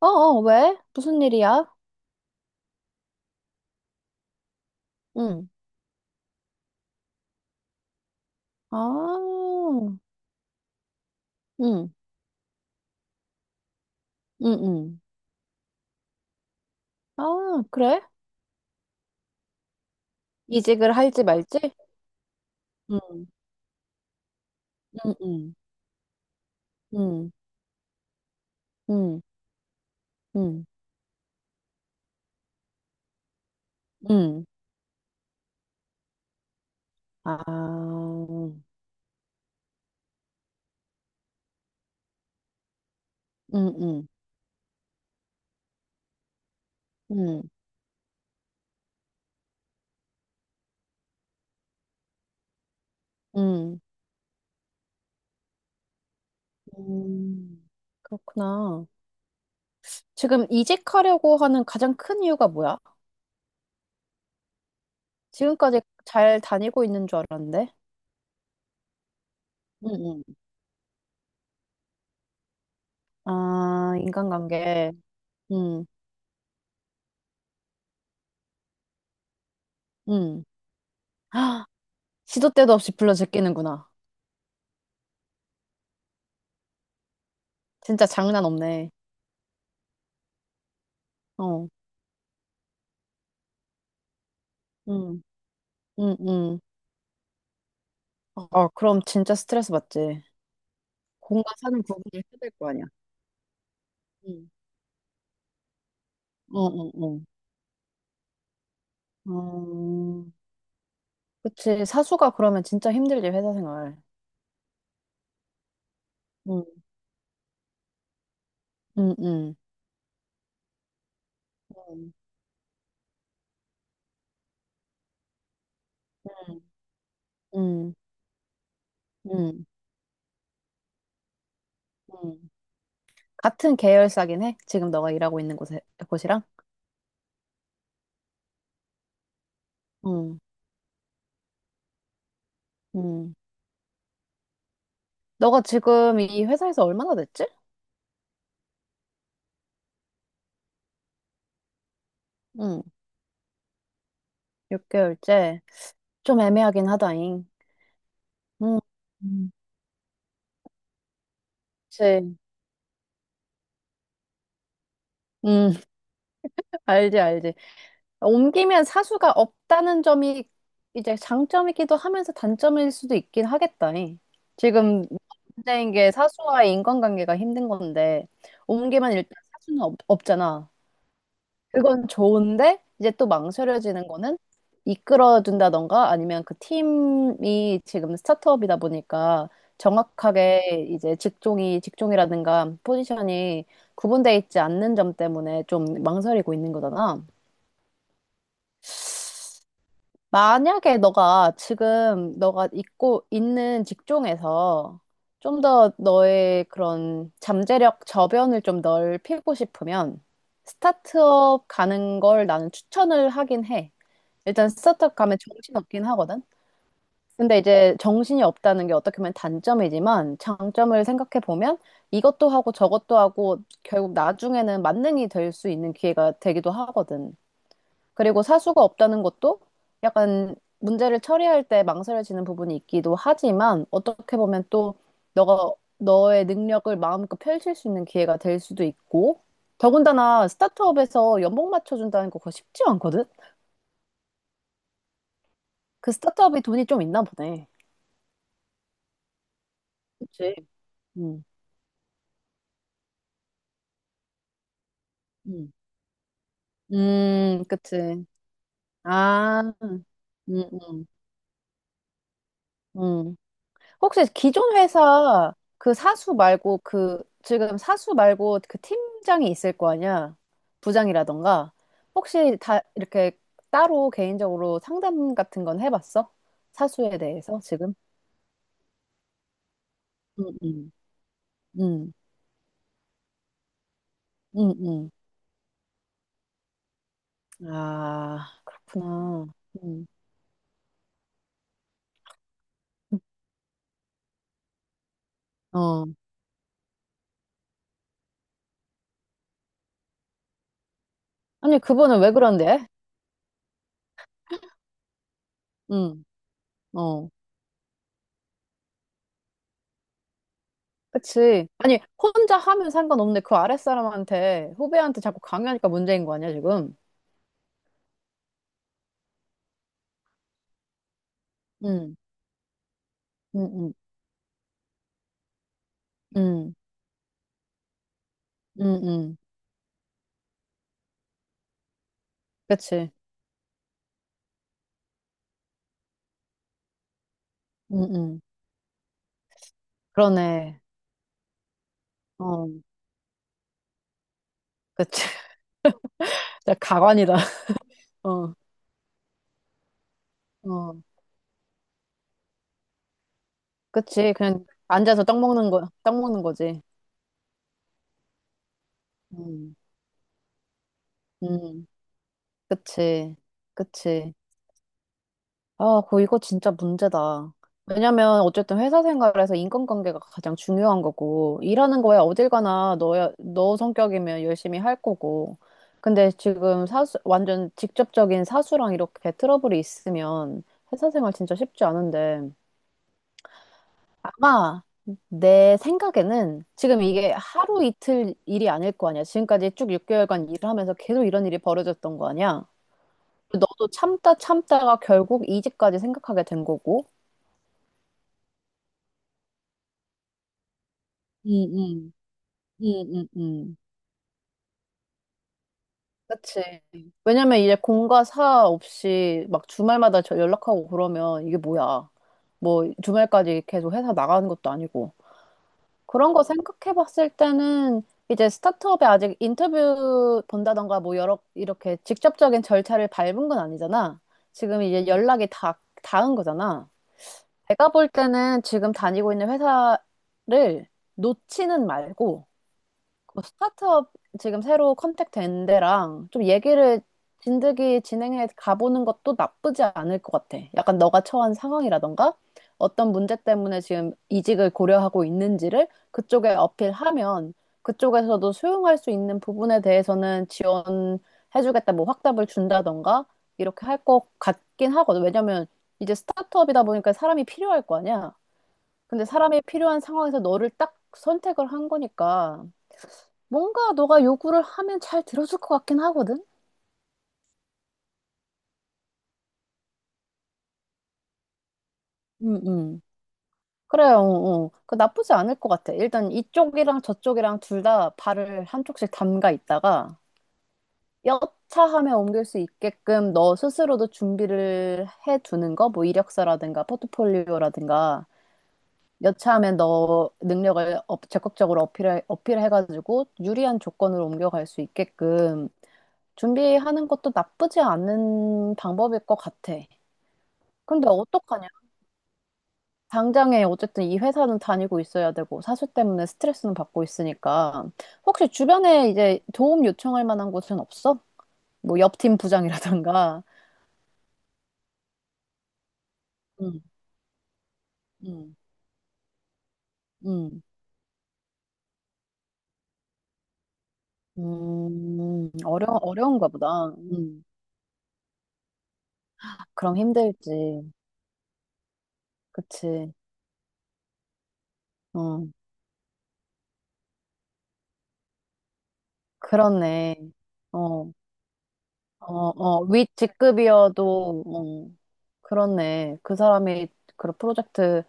어, 어, 왜? 무슨 일이야? 응. 아, 응, 응, 응. 아, 그래? 이직을 할지 말지? 응, 응, 응, 응, 응, 응, 응. 아, 응, 응, 응, 응. 음, 그렇구나. 지금 이직하려고 하는 가장 큰 이유가 뭐야? 지금까지 잘 다니고 있는 줄 알았는데? 응, 응. 아, 인간관계. 응, 응. 아, 시도 때도 없이 불러 제끼는구나. 진짜 장난 없네. 어, 음, 음, 음. 어, 그럼 진짜 스트레스 받지. 공과 사는 구분을 해야 될 거 아니야. 음, 어, 어, 어. 음, 그치. 사수가 그러면 진짜 힘들지, 회사 생활. 음, 음, 음, 음, 음, 음, 음. 음. 같은 계열사긴 해? 지금 너가 일하고 있는 곳에, 곳이랑? 음, 음. 너가 지금 이 회사에서 얼마나 됐지? 음, 6개월째. 좀 애매하긴 하다잉. 음, 음. 그치. 음. 알지, 알지. 옮기면 사수가 없다는 점이 이제 장점이기도 하면서 단점일 수도 있긴 하겠다. 잉. 지금 문제인 게 사수와의 인간관계가 힘든 건데, 옮기면 일단 사수는 없잖아. 그건 좋은데, 이제 또 망설여지는 거는 이끌어준다던가 아니면 그 팀이 지금 스타트업이다 보니까 정확하게 이제 직종이라든가 포지션이 구분돼 있지 않는 점 때문에 좀 망설이고 있는 거잖아. 만약에 너가 지금 너가 있고 있는 직종에서 좀 더 너의 그런 잠재력 저변을 좀 넓히고 싶으면 스타트업 가는 걸 나는 추천을 하긴 해. 일단 스타트업 가면 정신없긴 하거든. 근데 이제 정신이 없다는 게 어떻게 보면 단점이지만 장점을 생각해 보면 이것도 하고 저것도 하고 결국 나중에는 만능이 될 수 있는 기회가 되기도 하거든. 그리고 사수가 없다는 것도 약간 문제를 처리할 때 망설여지는 부분이 있기도 하지만 어떻게 보면 또 너가 너의 능력을 마음껏 펼칠 수 있는 기회가 될 수도 있고 더군다나 스타트업에서 연봉 맞춰준다는 거 그거 쉽지 않거든? 그 스타트업이 돈이 좀 있나 보네. 그치. 음, 음, 그치. 아, 음, 음. 혹시 기존 회사 그 사수 말고 그 지금 사수 말고 그 팀장이 있을 거 아니야? 부장이라던가. 혹시 다 이렇게 따로 개인적으로 상담 같은 건 해봤어? 사수에 대해서 지금? 응, 응, 응, 응, 응. 아, 그렇구나. 응, 어. 아니, 그분은 왜 그런데? 응, 어. 그치. 아니, 혼자 하면 상관없는데 그 아랫사람한테, 후배한테 자꾸 강요하니까 문제인 거 아니야, 지금? 응, 응, 응. 음, 음, 음. 그치. 음, 음. 그러네. 어, 그치. 진짜 가관이다. 어, 어. 그치. 그냥 앉아서 떡 먹는 거, 떡 먹는 거지. 음, 음. 그치. 그치. 아, 그 이거 진짜 문제다. 왜냐면 어쨌든 회사 생활에서 인간관계가 가장 중요한 거고 일하는 거야 어딜 가나 너야 너 성격이면 열심히 할 거고. 근데 지금 사수 완전 직접적인 사수랑 이렇게 트러블이 있으면 회사 생활 진짜 쉽지 않은데 아마 내 생각에는 지금 이게 하루 이틀 일이 아닐 거 아니야. 지금까지 쭉 6개월간 일을 하면서 계속 이런 일이 벌어졌던 거 아니야. 너도 참다 참다가 결국 이직까지 생각하게 된 거고. 응, 응, 응, 응. 그치. 왜냐면 이제 공과 사 없이 막 주말마다 저 연락하고 그러면 이게 뭐야. 뭐 주말까지 계속 회사 나가는 것도 아니고. 그런 거 생각해 봤을 때는 이제 스타트업에 아직 인터뷰 본다던가 뭐 여러, 이렇게 직접적인 절차를 밟은 건 아니잖아. 지금 이제 연락이 닿은 거잖아. 내가 볼 때는 지금 다니고 있는 회사를 놓지는 말고 그 스타트업 지금 새로 컨택 된 데랑 좀 얘기를 진득이 진행해 가보는 것도 나쁘지 않을 것 같아. 약간 너가 처한 상황이라던가 어떤 문제 때문에 지금 이직을 고려하고 있는지를 그쪽에 어필하면 그쪽에서도 수용할 수 있는 부분에 대해서는 지원해주겠다, 뭐 확답을 준다던가 이렇게 할 것 같긴 하거든. 왜냐면 이제 스타트업이다 보니까 사람이 필요할 거 아니야. 근데 사람이 필요한 상황에서 너를 딱 선택을 한 거니까. 뭔가 너가 요구를 하면 잘 들어줄 것 같긴 하거든? 응, 응. 그래요, 어, 어. 그 나쁘지 않을 것 같아. 일단 이쪽이랑 저쪽이랑 둘 다 발을 한쪽씩 담가 있다가 여차하면 옮길 수 있게끔 너 스스로도 준비를 해두는 거, 뭐 이력서라든가 포트폴리오라든가 여차하면 너 능력을 적극적으로 어필해가지고 유리한 조건으로 옮겨갈 수 있게끔 준비하는 것도 나쁘지 않은 방법일 것 같아. 근데 어떡하냐? 당장에 어쨌든 이 회사는 다니고 있어야 되고 사수 때문에 스트레스는 받고 있으니까 혹시 주변에 이제 도움 요청할 만한 곳은 없어? 뭐 옆 팀 부장이라던가. 음, 음, 음, 어려운가 보다. 그럼 힘들지. 그치. 어, 그렇네. 어, 어, 어, 윗 직급이어도, 어, 그렇네. 그 사람이 그 프로젝트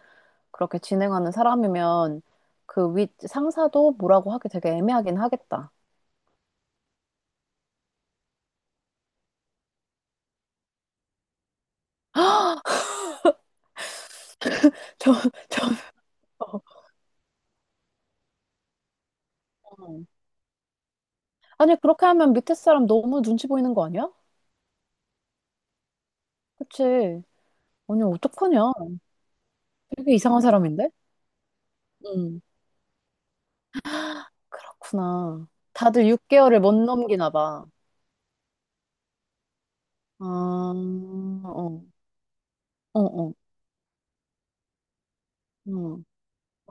그렇게 진행하는 사람이면 그 윗 상사도 뭐라고 하기 되게 애매하긴 하겠다. 저, 저, 어. 아니, 그렇게 하면 밑에 사람 너무 눈치 보이는 거 아니야? 그치. 아니, 어떡하냐. 되게 이상한 사람인데? 응. 그렇구나. 다들 6개월을 못 넘기나 봐. 아, 어, 어, 어, 어,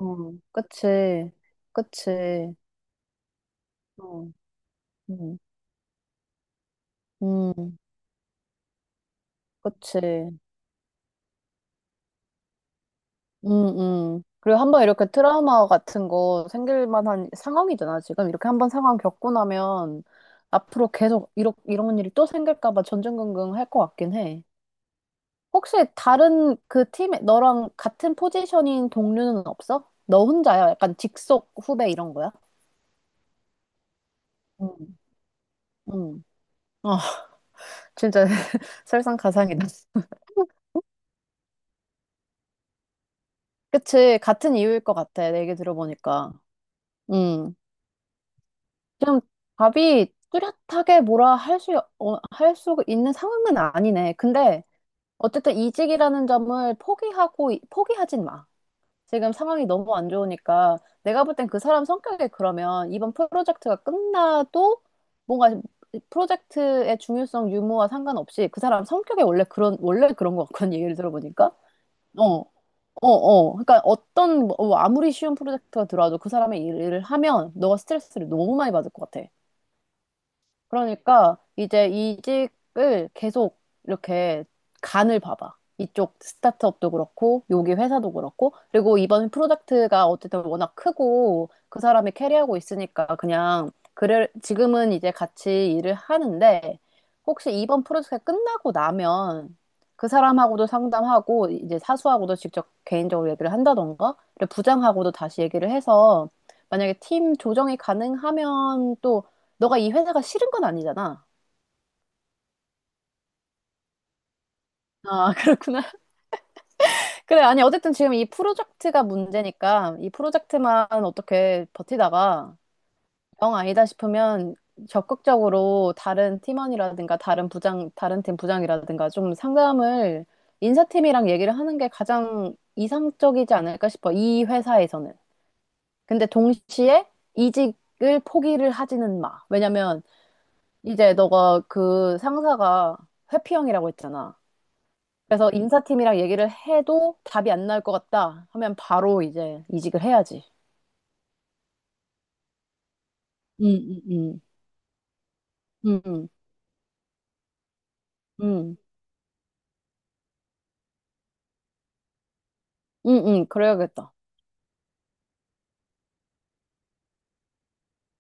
어. 그치. 그치. 어, 음, 음, 그치. 그리고 한번 이렇게 트라우마 같은 거 생길 만한 상황이잖아, 지금. 이렇게 한번 상황 겪고 나면 앞으로 계속 이런 일이 또 생길까 봐 전전긍긍 할 것 같긴 해. 혹시 다른 그 팀에 너랑 같은 포지션인 동료는 없어? 너 혼자야? 약간 직속 후배 이런 거야? 음. 음. 어, 진짜 설상가상이다. 그치, 같은 이유일 것 같아, 내 얘기 들어보니까. 음. 지금 답이 뚜렷하게 뭐라 할 수, 어, 할 수 있는 상황은 아니네. 근데 어쨌든 이직이라는 점을 포기하진 마. 지금 상황이 너무 안 좋으니까 내가 볼 땐 그 사람 성격에 그러면 이번 프로젝트가 끝나도 뭔가 프로젝트의 중요성 유무와 상관없이 그 사람 성격에 원래 그런 것 같거든, 얘기를 들어보니까. 어. 어, 어. 그러니까 어떤, 뭐, 아무리 쉬운 프로젝트가 들어와도 그 사람의 일을 하면 너가 스트레스를 너무 많이 받을 것 같아. 그러니까 이제 이직을 계속 이렇게 간을 봐봐. 이쪽 스타트업도 그렇고, 여기 회사도 그렇고, 그리고 이번 프로젝트가 어쨌든 워낙 크고, 그 사람이 캐리하고 있으니까 그냥, 그래, 지금은 이제 같이 일을 하는데, 혹시 이번 프로젝트가 끝나고 나면 그 사람하고도 상담하고, 이제 사수하고도 직접 개인적으로 얘기를 한다던가, 그리고 부장하고도 다시 얘기를 해서, 만약에 팀 조정이 가능하면 또 너가 이 회사가 싫은 건 아니잖아. 아, 그렇구나. 그래, 아니, 어쨌든 지금 이 프로젝트가 문제니까 이 프로젝트만 어떻게 버티다가 영 아니다 싶으면 적극적으로 다른 팀원이라든가 다른 부장, 다른 팀 부장이라든가 좀 상담을 인사팀이랑 얘기를 하는 게 가장 이상적이지 않을까 싶어. 이 회사에서는. 근데 동시에 이직을 포기를 하지는 마. 왜냐면 이제 너가 그 상사가 회피형이라고 했잖아. 그래서 인사팀이랑 얘기를 해도 답이 안 나올 것 같다 하면 바로 이제 이직을 해야지. 응응 응, 응, 응, 응, 응, 그래야겠다.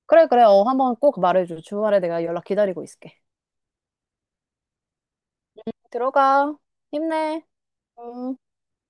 그래, 그래. 어, 한번 꼭 말해줘. 주말에 내가 연락 기다리고 있을게. 들어가. 힘내. 응.